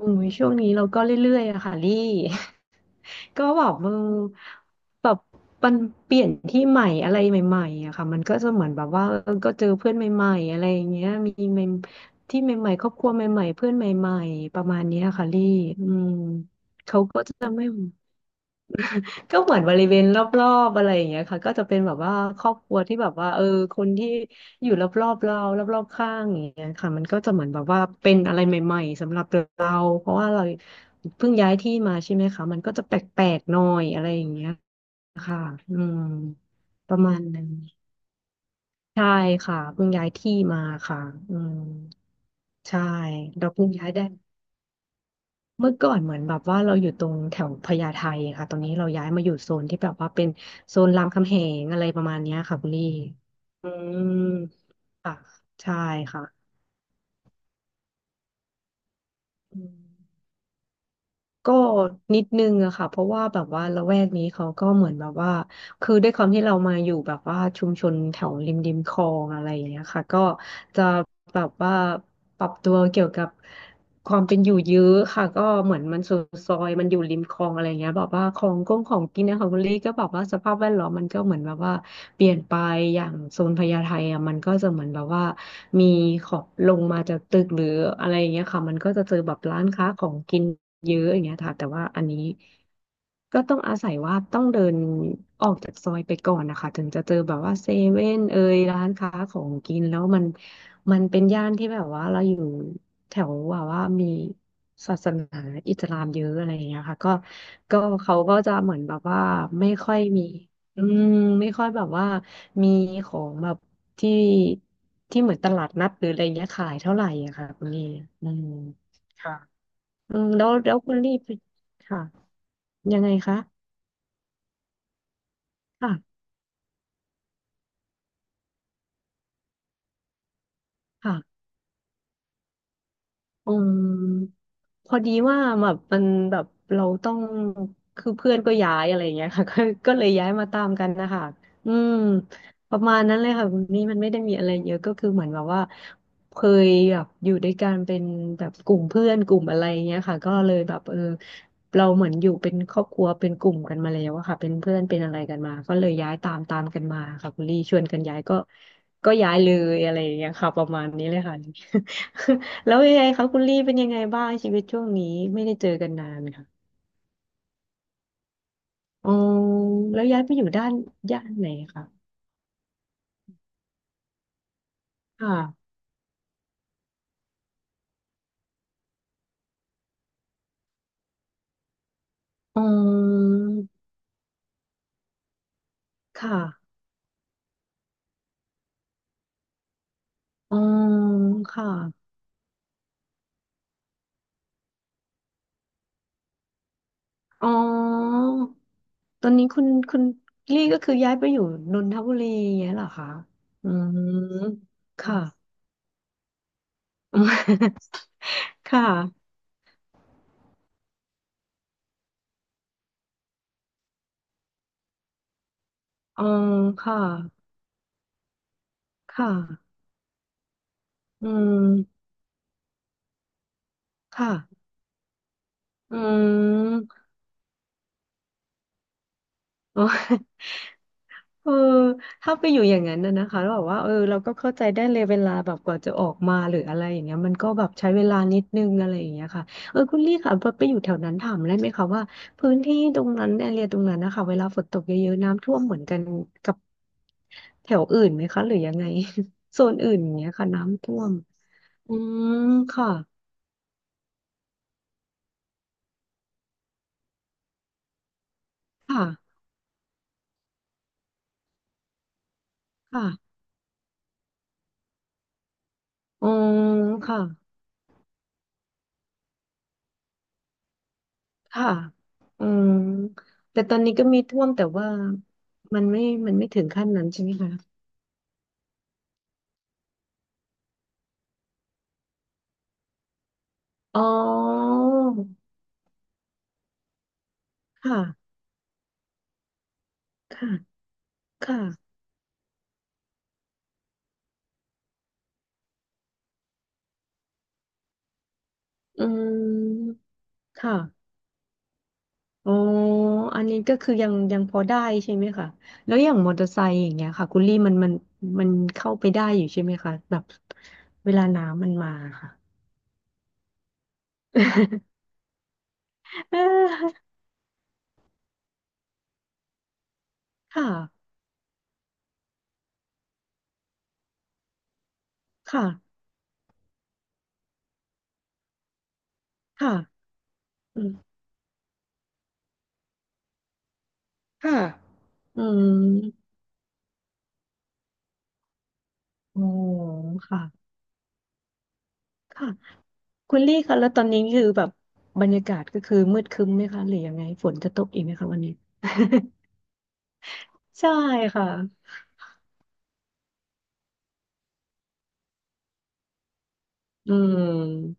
อุ้ยช่วงนี้เราก็เรื่อยๆอะค่ะลี่ ก็แบบแบบมันเปลี่ยนที่ใหม่อะไรใหม่ๆอะค่ะมันก็จะเหมือนแบบว่าก็เจอเพื่อนใหม่ๆอะไรอย่างเงี้ยมีใหม่ที่ใหม่ๆครอบครัวใหม่ๆเพื่อนใหม่ๆประมาณเนี้ยค่ะลี่อืมเขาก็จะไม่ ก็เหมือนบริเวณรอบๆอะไรอย่างเงี้ยค่ะก็จะเป็นแบบว่าครอบครัวที่แบบว่าคนที่อยู่รอบๆเรารอบๆข้างอย่างเงี้ยค่ะมันก็จะเหมือนแบบว่าเป็นอะไรใหม่ๆสำหรับเราเพราะว่าเราเพิ่งย้ายที่มาใช่ไหมคะมันก็จะแปลกๆหน่อยอะไรอย่างเงี้ยค่ะอืมประมาณนั้นใช่ค่ะเพิ่งย้ายที่มาค่ะอืมใช่เราเพิ่งย้ายได้ เมื่อก่อนเหมือนแบบว่าเราอยู่ตรงแถวพญาไทค่ะตอนนี้เราย้ายมาอยู่โซนที่แบบว่าเป็นโซนรามคำแหงอะไรประมาณเนี้ยค่ะคุณลี่อืมค่ะใช่ค่ะอืมก็นิดนึงอะค่ะเพราะว่าแบบว่าละแวกนี้เขาก็เหมือนแบบว่า คือด้วยความที่เรามาอยู่แบบว่าชุมชนแถวริมคลองอะไรอย่างเงี้ยค่ะก็จะแบบว่าปรับตัวเกี่ยวกับ ความเป็นอยู่เยอะค่ะก็เหมือนมันสุดซอยมันอยู่ริมคลองอะไรเงี้ยแบอกว่าของกงของกินนะของคุณลี่ก็บอกว่าสภาพแวดล้อมมันก็เหมือนแบบว่าเปลี่ยนไปอย่างโซนพญาไทอ่ะมันก็จะเหมือนแบบว่ามีขอบลงมาจากตึกหรืออะไรเงี้ยค่ะมันก็จะเจอแบบร้านค้าของกินเยอะอย่างเงี้ยค่ะแต่ว่าอันนี้ ก็ต้องอาศัยว่าต้องเดินออกจากซอยไปก่อนนะคะถึงจะเจอแบบว่าเซเว่นเอยร้านค้าของกินแล้วมันเป็นย่านที่แบบว่าเราอยู่แถวว่ามีศาสนาอิสลามเยอะอะไรอย่างเงี้ยค่ะก็เขาก็จะเหมือนแบบว่าไม่ค่อยมีอืมไม่ค่อยแบบว่ามีของแบบที่ที่เหมือนตลาดนัดหรืออะไรเงี้ยขายเท่าไหร่อะค่ะคุณลี่อืมค่ะอืมแล้วคุณลี่ไปค่ะยังไงคะ ค่ะค่ะอืมพอดีว่าแบบมันแบบเราต้องคือเพื่อนก็ย้ายอะไรอย่างเงี้ยค่ะ ก็เลยย้ายมาตามกันนะคะอืมประมาณนั้นเลยค่ะคุณนี่มันไม่ได้มีอะไรเยอะก็คือเหมือนแบบว่าเคยแบบอยู่ด้วยกันเป็นแบบกลุ่มเพื่อนกลุ่มอะไรอย่างเงี้ยค่ะก็เลยแบบเราเหมือนอยู่เป็นครอบครัวเป็นกลุ่มกันมาแล้วอะค่ะเป็นเพื่อนเป็นอะไรกันมาก็เลยย้ายตามกันมาค่ะคุณลี่ชวนกันย้ายก็ ก็ย้ายเลยอะไรอย่างเงี้ยค่ะประมาณนี้เลยค่ะ แล้วยังไงคะคุณลี่เป็นยังไงบ้างชีวิตช่วงนี้ไม่ได้เจอกันนานค่ะอ๋อแล้วย้ายไปอยู่ด้านย่านไหนคะค่ะอ๋อค่ะอ๋อค่ะอ๋อตอนนี้คุณลี่ก็คือย้ายไปอยู่นนทบุรีอย่างเงี้ยเหรอคะอืมค่ะ ค่ะอ๋อค่ะค่ะอืมค่ะอืม โอ้ เออถ้าไปอยู่อย่างนั้นนะนะคะแล้วแบบว่าเราก็เข้าใจได้เลยเวลาแบบกว่าจะออกมาหรืออะไรอย่างเงี้ยมันก็แบบใช้เวลานิดนึงอะไรอย่างเงี้ยค่ะคุณลี่ค่ะพอไปอยู่แถวนั้นถามได้ไหมคะว่าพื้นที่ตรงนั้นแอเรียตรงนั้นนะคะเวลาฝนตกเยอะๆน้ำท่วมเหมือนกันกับแถวอื่นไหมคะหรือยังไง โซนอื่นอย่างเงี้ยค่ะน้ำท่วมอืมค่ะค่ะค่ะอืมค่ะ ค่ะอืมแต่ตอนนี้ก็มีท่วมแต่ว่ามันไม่มันไม่ถึงขั้นนั้นใช่ไหมคะอ๋อค่ะค่ะค่ะอืมค่ะอ๋ออันนี้ก็คือยังพอได้ใช่ไหมคะแล้วอย่างมอเตอร์ไซค์อย่างเงี้ยค่ะคุณลี่มันเข้าไปได้อยู่ใช่ไหมคะแบบเวลาน้ำมันมาค่ะ เออค่ะค่ะค่ะอืมค่ะอืมโอ้ค่ะค่ะ คุณลี่คะแล้วตอนนี้คือแบบบรรยากาศก็คือมืดครึ้มไหมคะหรือยังไงฝนจะตกอีกไหมคะวันนี้ ใช่ค่ะอืม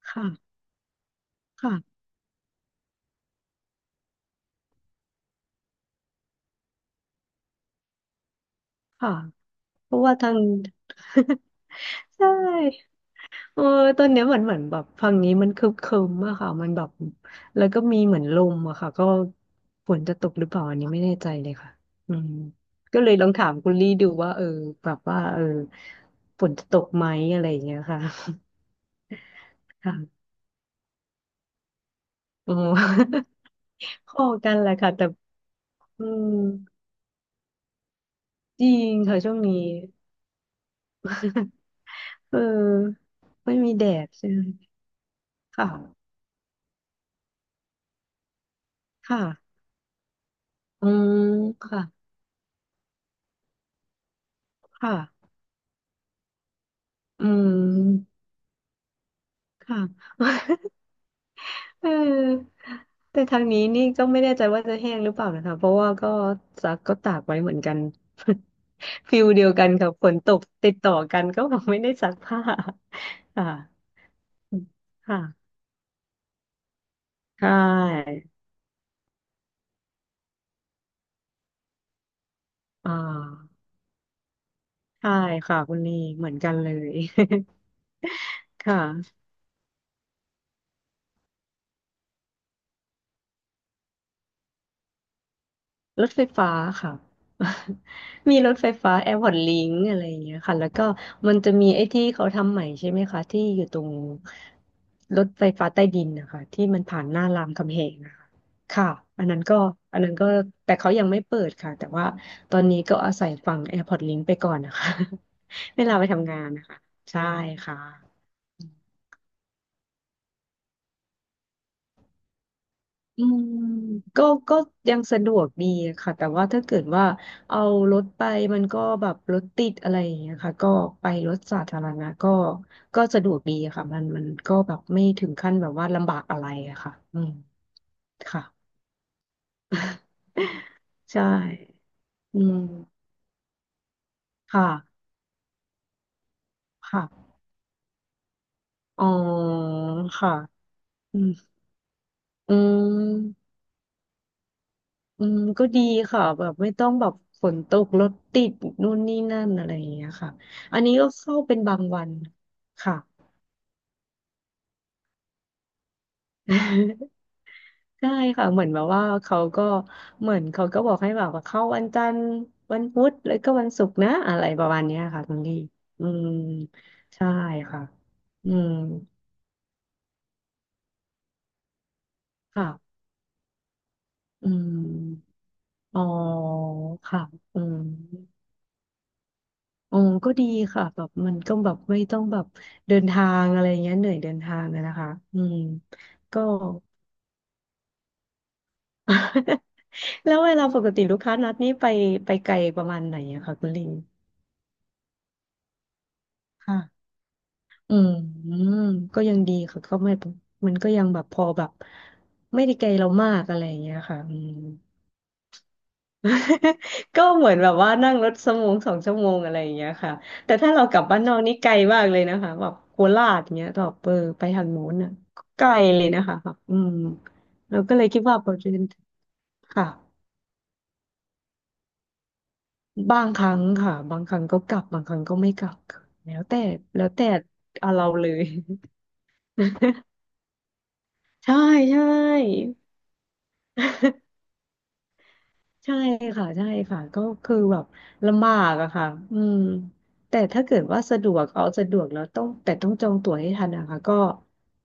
ค่ะค่ะค่ะเพราะว่าทาง ใช่เออตอนเนี้ยเหมือนแบบฝั่งนี้มันครึ้มครึ้มอะค่ะมันแบบแล้วก็มีเหมือนลมอะค่ะก็ฝนจะตกหรือเปล่าอันนี้ไม่แน่ใจเลยค่ะอืมก็เลยลองถามคุณลี่ดูว่าแบบว่าฝนจะตกไหมอะไรอย่างเงี้ยค่ะ ค่ะโอ้ พอกันแหละค่ะแต่อืมจริงค่ะช่วงนี้ เออไม่มีแดดใช่ไหมค่ะค่ะอืมค่ะค่ะอืมค่ะ เออแต่ทางนี้นี่ก็ไม่แน่ใจว่าจะแห้งหรือเปล่านะคะเพราะว่าก็ซักก็ตากไว้เหมือนกัน ฟิลเดียวกันกับฝนตกติดต่อกันก็แบบไม่ได้ซักผ้า ค่ะค่ะใช่อ่าใช่ค่ะคุณลีเหมือนกันเลย ค่ะรถไฟฟ้าค่ะ มีรถไฟฟ้าแอร์พอร์ตลิงก์อะไรอย่างเงี้ยค่ะแล้วก็มันจะมีไอ้ที่เขาทำใหม่ใช่ไหมคะที่อยู่ตรงรถไฟฟ้าใต้ดินนะคะที่มันผ่านหน้ารามคำแหงนะคะค่ะอันนั้นก็อันนั้นก็แต่เขายังไม่เปิดค่ะแต่ว่าตอนนี้ก็อาศัยฝั่งแอร์พอร์ตลิงก์ไปก่อนนะคะ เวลาไปทำงานนะคะใช่ค่ะ อืมก็ก็ยังสะดวกดีค่ะแต่ว่าถ้าเกิดว่าเอารถไปมันก็แบบรถติดอะไรอย่างเงี้ยค่ะก็ไปรถสาธารณะก็สะดวกดีค่ะมันก็แบบไม่ถึงขั้นแบบว่าลำบากอะไรอะค่ะอืมค่ะ ใช่อืมค่ะค่ะอ๋อค่ะอืมอืม อืมก็ดีค่ะแบบไม่ต้องแบบฝนตกรถติดนู่นนี่นั่นอะไรอย่างเงี้ยค่ะอันนี้ก็เข้าเป็นบางวันค่ะ ใช่ค่ะเหมือนแบบว่าเขาก็เหมือนเขาก็บอกให้แบบว่าเข้าวันจันทร์วันพุธแล้วก็วันศุกร์นะอะไรประมาณเนี้ยค่ะคุณดีอืมใช่ค่ะอืมค่ะอืมอ๋อค่ะอืม อ๋อก็ดีค่ะแบบมันก็แบบไม่ต้องแบบเดินทางอะไรเงี้ยเหนื่อยเดินทางอะนะคะอืมก็ แล้วเวลาปกติลูกค้านัดนี้ไปไกลประมาณไหนอะคะคุณลิงค่ะ อืมมก็ยังดีค่ะก็ไม่มันก็ยังแบบพอแบบไม่ได้ไกลเรามากอะไรอย่างเงี้ยค่ะอืม ก็เหมือนแบบว่านั่งรถสมง2 ชั่วโมงอะไรอย่างเงี้ยค่ะแต่ถ้าเรากลับบ้านนอกนี่ไกลมากเลยนะคะแบบโคราชเงี้ยต่อเปอร์ไปทางโน้นอ่ะก็ไกลเลยนะคะแบบอืมเราก็เลยคิดว่าพอเรีค่ะบางครั้งค่ะบางครั้งก็กลับบางครั้งก็ไม่กลับค่ะแล้วแต่แล้วแต่เอาเราเลย ใช่ใช่ ใช่ค่ะใช่ค่ะก็คือแบบลำบากอะค่ะอืมแต่ถ้าเกิดว่าสะดวกเอาสะดวกแล้วต้องแต่ต้องจองตั๋วให้ทันนะคะก็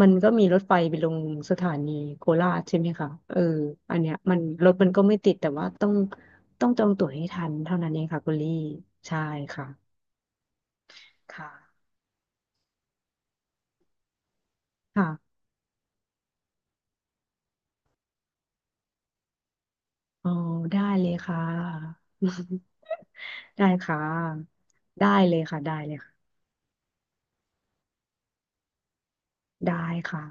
มันก็มีรถไฟไปลงสถานีโคราชใช่ไหมคะเอออันเนี้ยมันรถมันก็ไม่ติดแต่ว่าต้องจองตั๋วให้ทันเท่านั้นเองค่ะคุณลี่ใช่ค่ะค่ะค่ะอ๋อได้เลยค่ะ ได้ค่ะได้เลยค่ะได้เลยค่ะได้ค่ะ